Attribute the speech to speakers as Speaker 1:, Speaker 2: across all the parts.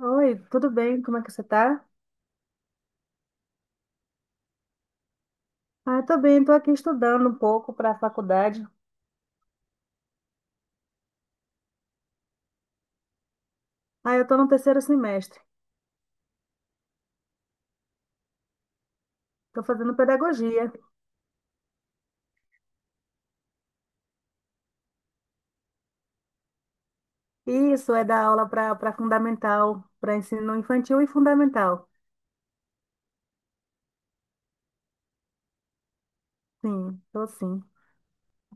Speaker 1: Oi, tudo bem? Como é que você tá? Ah, tô bem, tô aqui estudando um pouco para a faculdade. Ah, eu tô no terceiro semestre. Tô fazendo pedagogia. Isso é dar aula para fundamental, para ensino infantil e fundamental. Sim, tô sim.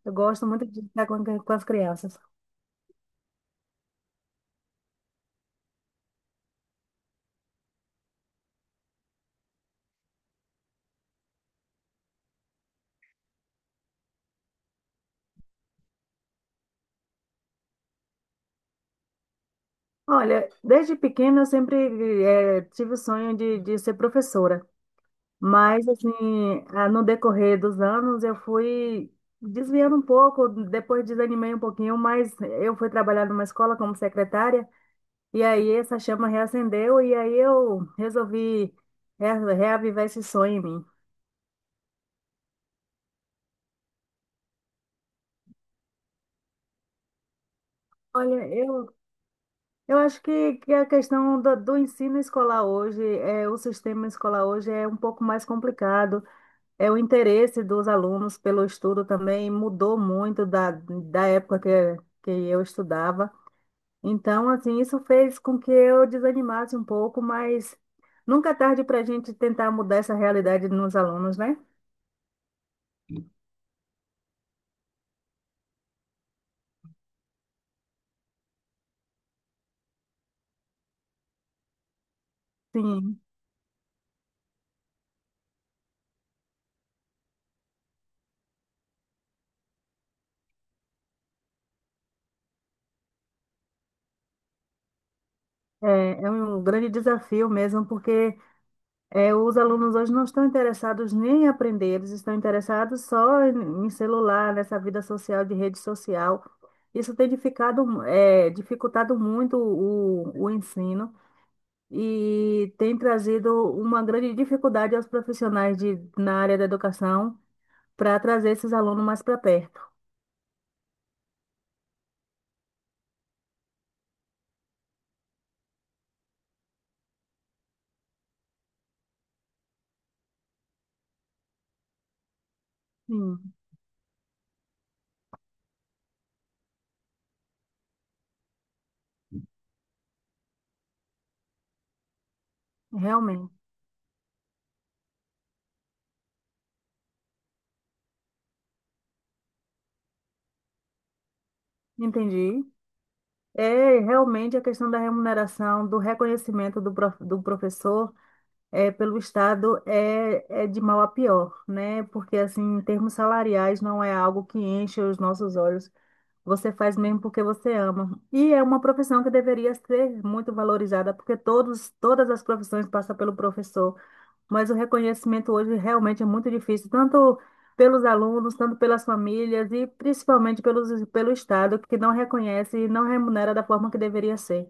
Speaker 1: Eu gosto muito de estar com as crianças. Olha, desde pequena eu sempre tive o sonho de ser professora. Mas, assim, ah, no decorrer dos anos, eu fui desviando um pouco, depois desanimei um pouquinho, mas eu fui trabalhar numa escola como secretária, e aí essa chama reacendeu, e aí eu resolvi reavivar esse sonho em mim. Olha, eu acho que a questão do ensino escolar hoje, é, o sistema escolar hoje é um pouco mais complicado, é o interesse dos alunos pelo estudo também mudou muito da época que eu estudava. Então, assim, isso fez com que eu desanimasse um pouco, mas nunca é tarde para a gente tentar mudar essa realidade nos alunos, né? Sim, é, é um grande desafio mesmo, porque é, os alunos hoje não estão interessados nem em aprender, eles estão interessados só em celular, nessa vida social, de rede social. Isso tem dificado, é, dificultado muito o ensino e tem trazido uma grande dificuldade aos profissionais de, na área da educação para trazer esses alunos mais para perto. Sim, realmente. Entendi. É realmente a questão da remuneração, do reconhecimento do professor é, pelo Estado é, é de mal a pior, né? Porque, assim, em termos salariais, não é algo que enche os nossos olhos. Você faz mesmo porque você ama. E é uma profissão que deveria ser muito valorizada, porque todos, todas as profissões passam pelo professor. Mas o reconhecimento hoje realmente é muito difícil, tanto pelos alunos, tanto pelas famílias e principalmente pelo Estado, que não reconhece e não remunera da forma que deveria ser.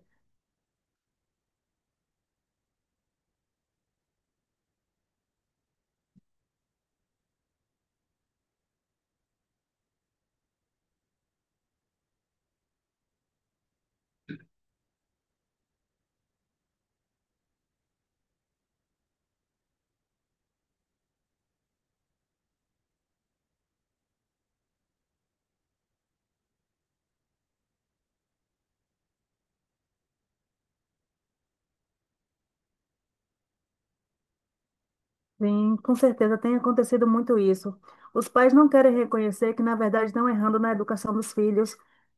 Speaker 1: Sim, com certeza tem acontecido muito isso. Os pais não querem reconhecer que, na verdade, estão errando na educação dos filhos,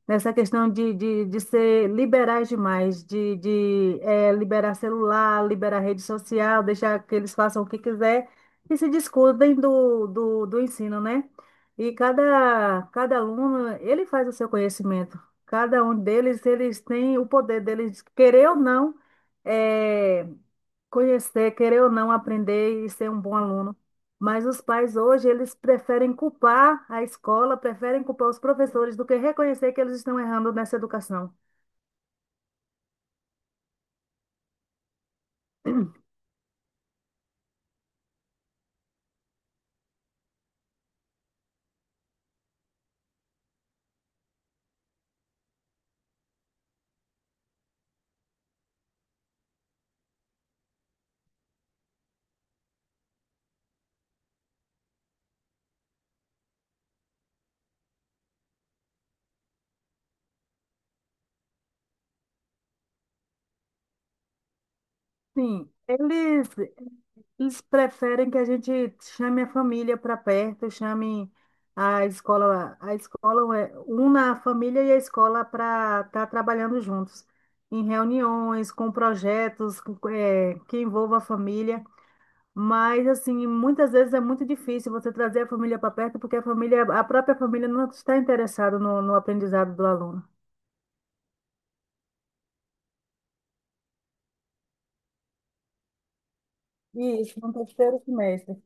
Speaker 1: nessa questão de ser liberais demais, de liberar celular, liberar rede social, deixar que eles façam o que quiser e se descuidem do ensino, né? E cada aluno, ele faz o seu conhecimento. Cada um deles, eles têm o poder deles, querer ou não, eh, conhecer, querer ou não aprender e ser um bom aluno. Mas os pais hoje, eles preferem culpar a escola, preferem culpar os professores do que reconhecer que eles estão errando nessa educação. Sim, eles preferem que a gente chame a família para perto, chame a escola é- una a família e a escola para estar trabalhando juntos, em reuniões, com projetos, que envolva a família. Mas, assim, muitas vezes é muito difícil você trazer a família para perto, porque a família, a própria família não está interessada no aprendizado do aluno. Isso, no terceiro semestre.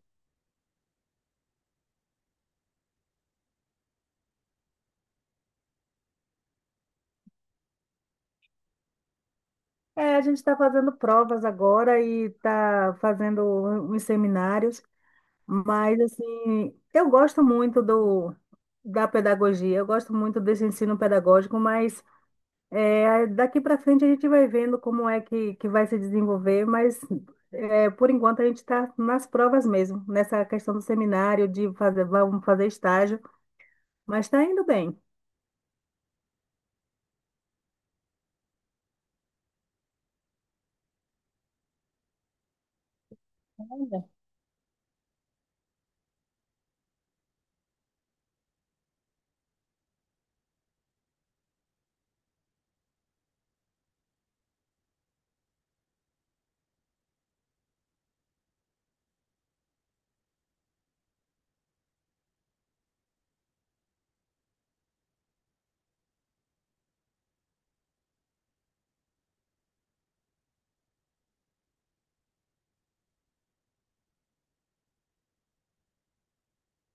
Speaker 1: É, a gente está fazendo provas agora e está fazendo uns seminários, mas, assim, eu gosto muito da pedagogia, eu gosto muito desse ensino pedagógico, mas é, daqui para frente a gente vai vendo como é que vai se desenvolver, mas é, por enquanto a gente está nas provas mesmo, nessa questão do seminário, de fazer, vamos fazer estágio, mas está indo bem.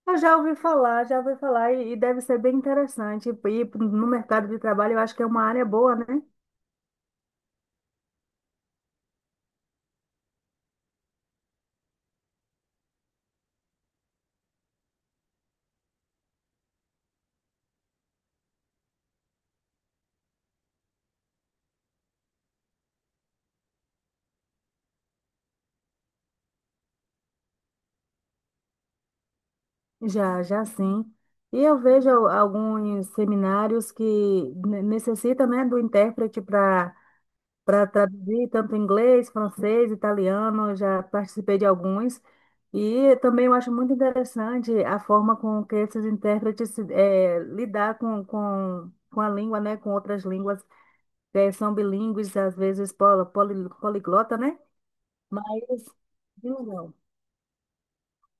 Speaker 1: Eu já ouvi falar, e deve ser bem interessante. E no mercado de trabalho eu acho que é uma área boa, né? Já, já sim. E eu vejo alguns seminários que necessitam, né, do intérprete para traduzir tanto inglês, francês, italiano, eu já participei de alguns. E também eu acho muito interessante a forma com que esses intérpretes lidar com a língua, né, com outras línguas, são bilíngues, às vezes poliglota, né? Mas não.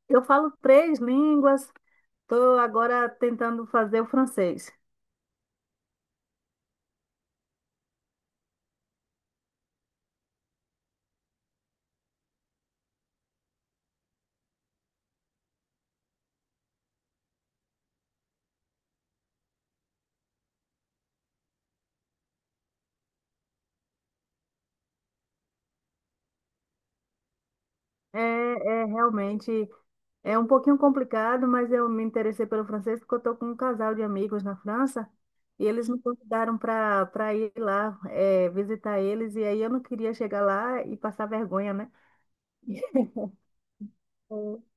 Speaker 1: Eu falo três línguas, estou agora tentando fazer o francês. É, é realmente é um pouquinho complicado, mas eu me interessei pelo francês porque eu estou com um casal de amigos na França e eles me convidaram para ir lá é, visitar eles e aí eu não queria chegar lá e passar vergonha, né? É,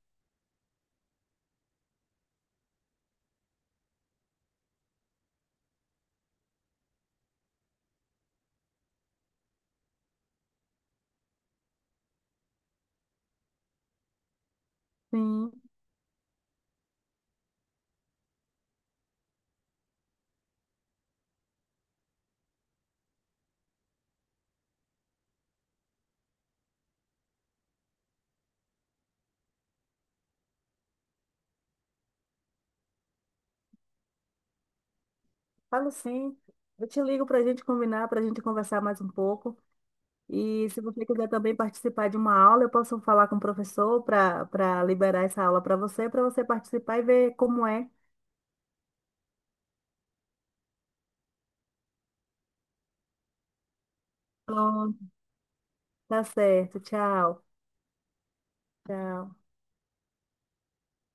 Speaker 1: sim, falo sim. Eu te ligo para a gente combinar, para a gente conversar mais um pouco. E se você quiser também participar de uma aula, eu posso falar com o professor para liberar essa aula para você participar e ver como é. Pronto, tá certo. Tchau. Tchau.